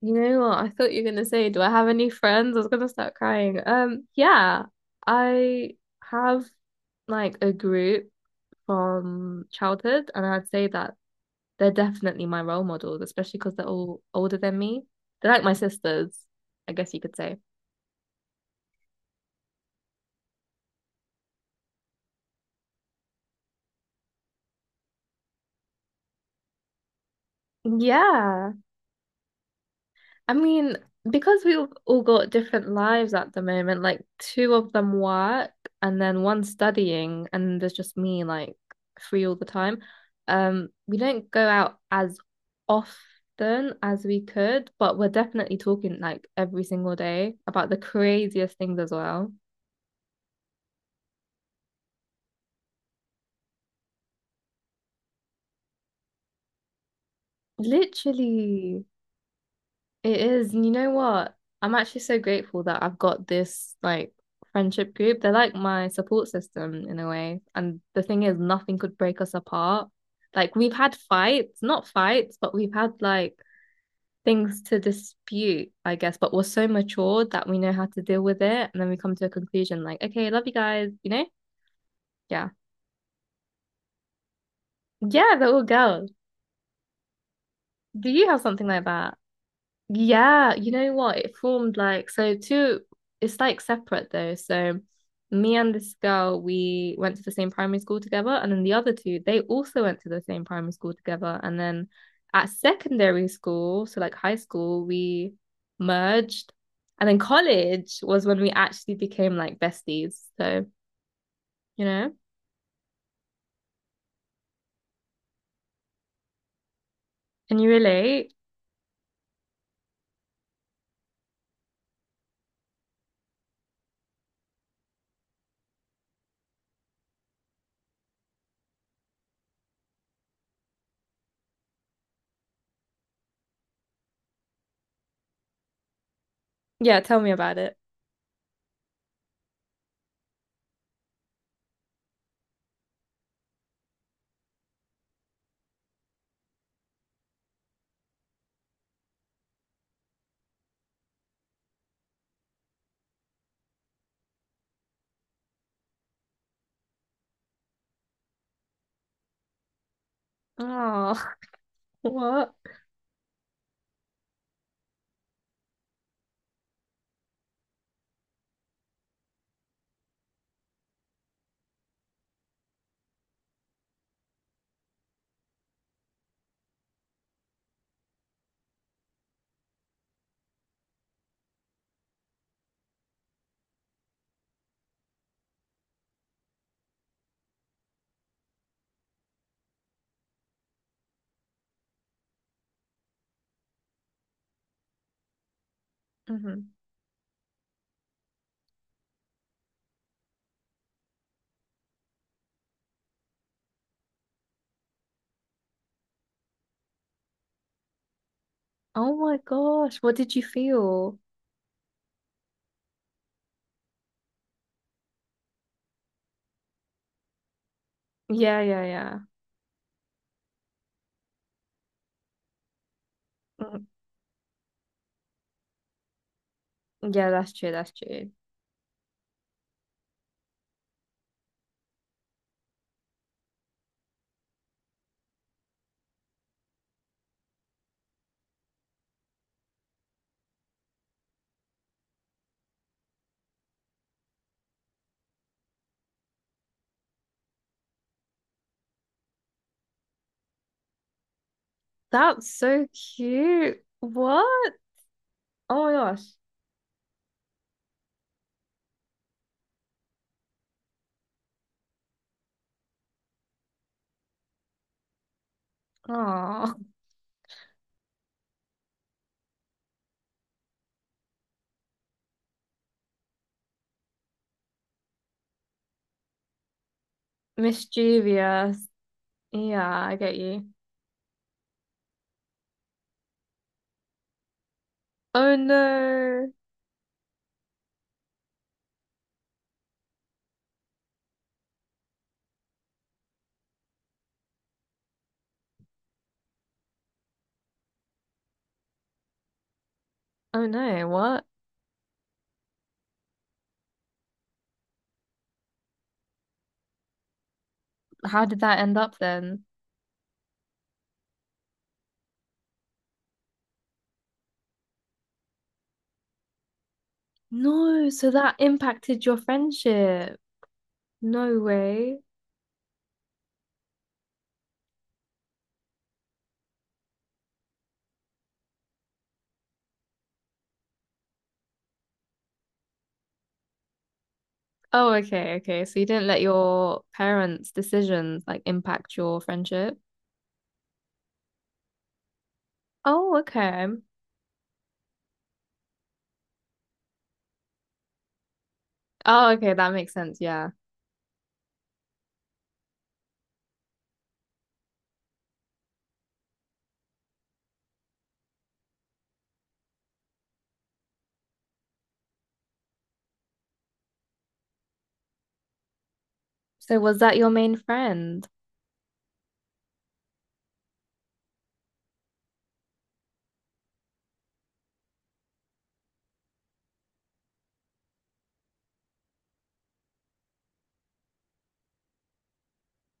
You know what? I thought you were gonna say, do I have any friends? I was gonna start crying. Yeah, I have like a group from childhood, and I'd say that they're definitely my role models, especially because they're all older than me. They're like my sisters, I guess you could say. Yeah, I mean, because we've all got different lives at the moment, like two of them work and then one studying, and there's just me like free all the time. We don't go out as often as we could, but we're definitely talking like every single day about the craziest things as well. Literally. It is. And you know what? I'm actually so grateful that I've got this like friendship group. They're like my support system in a way. And the thing is, nothing could break us apart. Like we've had fights, not fights, but we've had like things to dispute, I guess. But we're so mature that we know how to deal with it. And then we come to a conclusion like, okay, love you guys, you know? Yeah. Yeah, they're all girls. Do you have something like that? Yeah, you know what? It formed like so two it's like separate though. So me and this girl, we went to the same primary school together, and then the other two, they also went to the same primary school together. And then at secondary school, so like high school, we merged. And then college was when we actually became like besties. So, you know, can you relate? Yeah, tell me about it. Oh, what? Mhm. Oh my gosh, what did you feel? Yeah, yeah, yeah. Mm, yeah, that's true. That's true. That's so cute. What? Oh my gosh. Oh, mischievous. Yeah, I get you. Oh no. Oh no. What? How did that end up then? No, so that impacted your friendship. No way. Oh, okay, okay. So you didn't let your parents' decisions like impact your friendship? Oh, okay. Oh, okay. That makes sense. Yeah. So was that your main friend?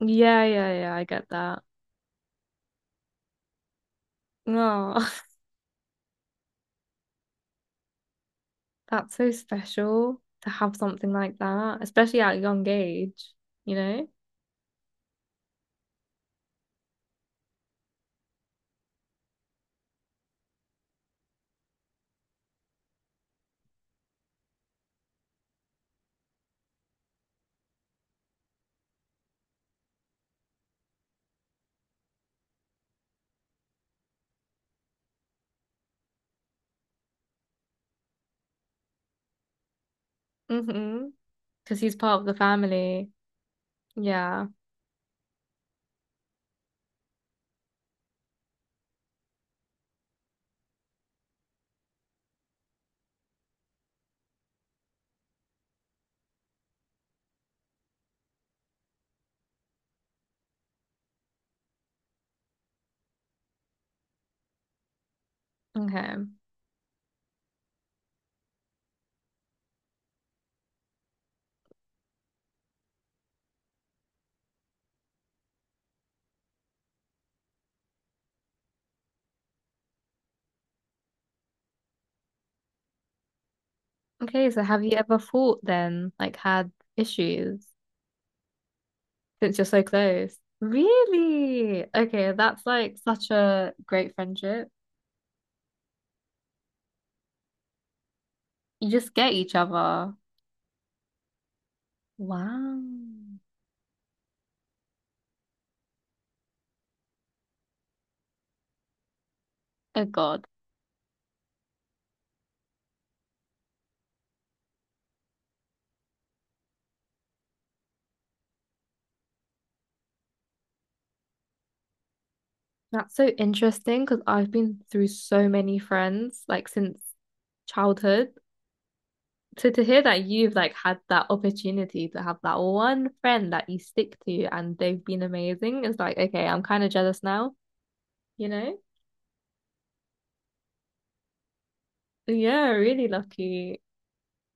Yeah, yeah, yeah, I get that. Oh, that's so special to have something like that, especially at a young age, you know? Mm-hmm. Because he's part of the family. Yeah. Okay. Okay, so have you ever fought then? Like had issues since you're so close? Really? Okay, that's like such a great friendship. You just get each other. Wow. Oh God. That's so interesting because I've been through so many friends like since childhood. So to hear that you've like had that opportunity to have that one friend that you stick to and they've been amazing is like, okay, I'm kind of jealous now, you know? Yeah, really lucky.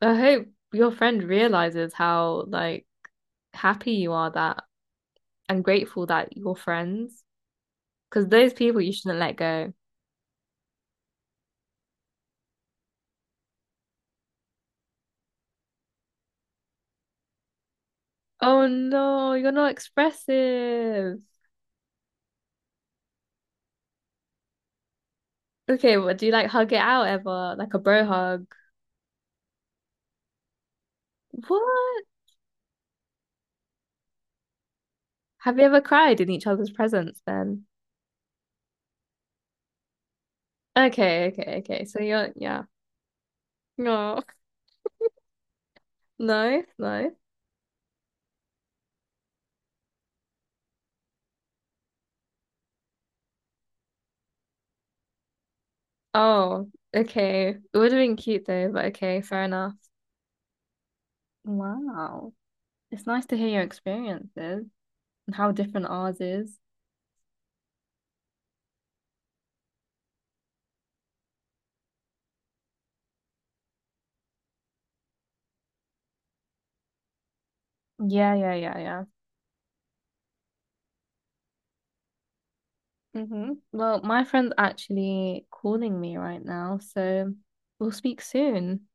I hope your friend realizes how like happy you are that and grateful that you're friends because those people you shouldn't let go. Oh no, you're not expressive. Okay, what do you like hug it out ever? Like a bro hug? What? Have you ever cried in each other's presence then? Okay, okay, okay. So you're yeah. No. No, no. Oh, okay. It would have been cute though, but okay, fair enough. Wow. It's nice to hear your experiences and how different ours is. Yeah, yeah, yeah, yeah. Mm-hmm. Well, my friend's actually calling me right now, so we'll speak soon.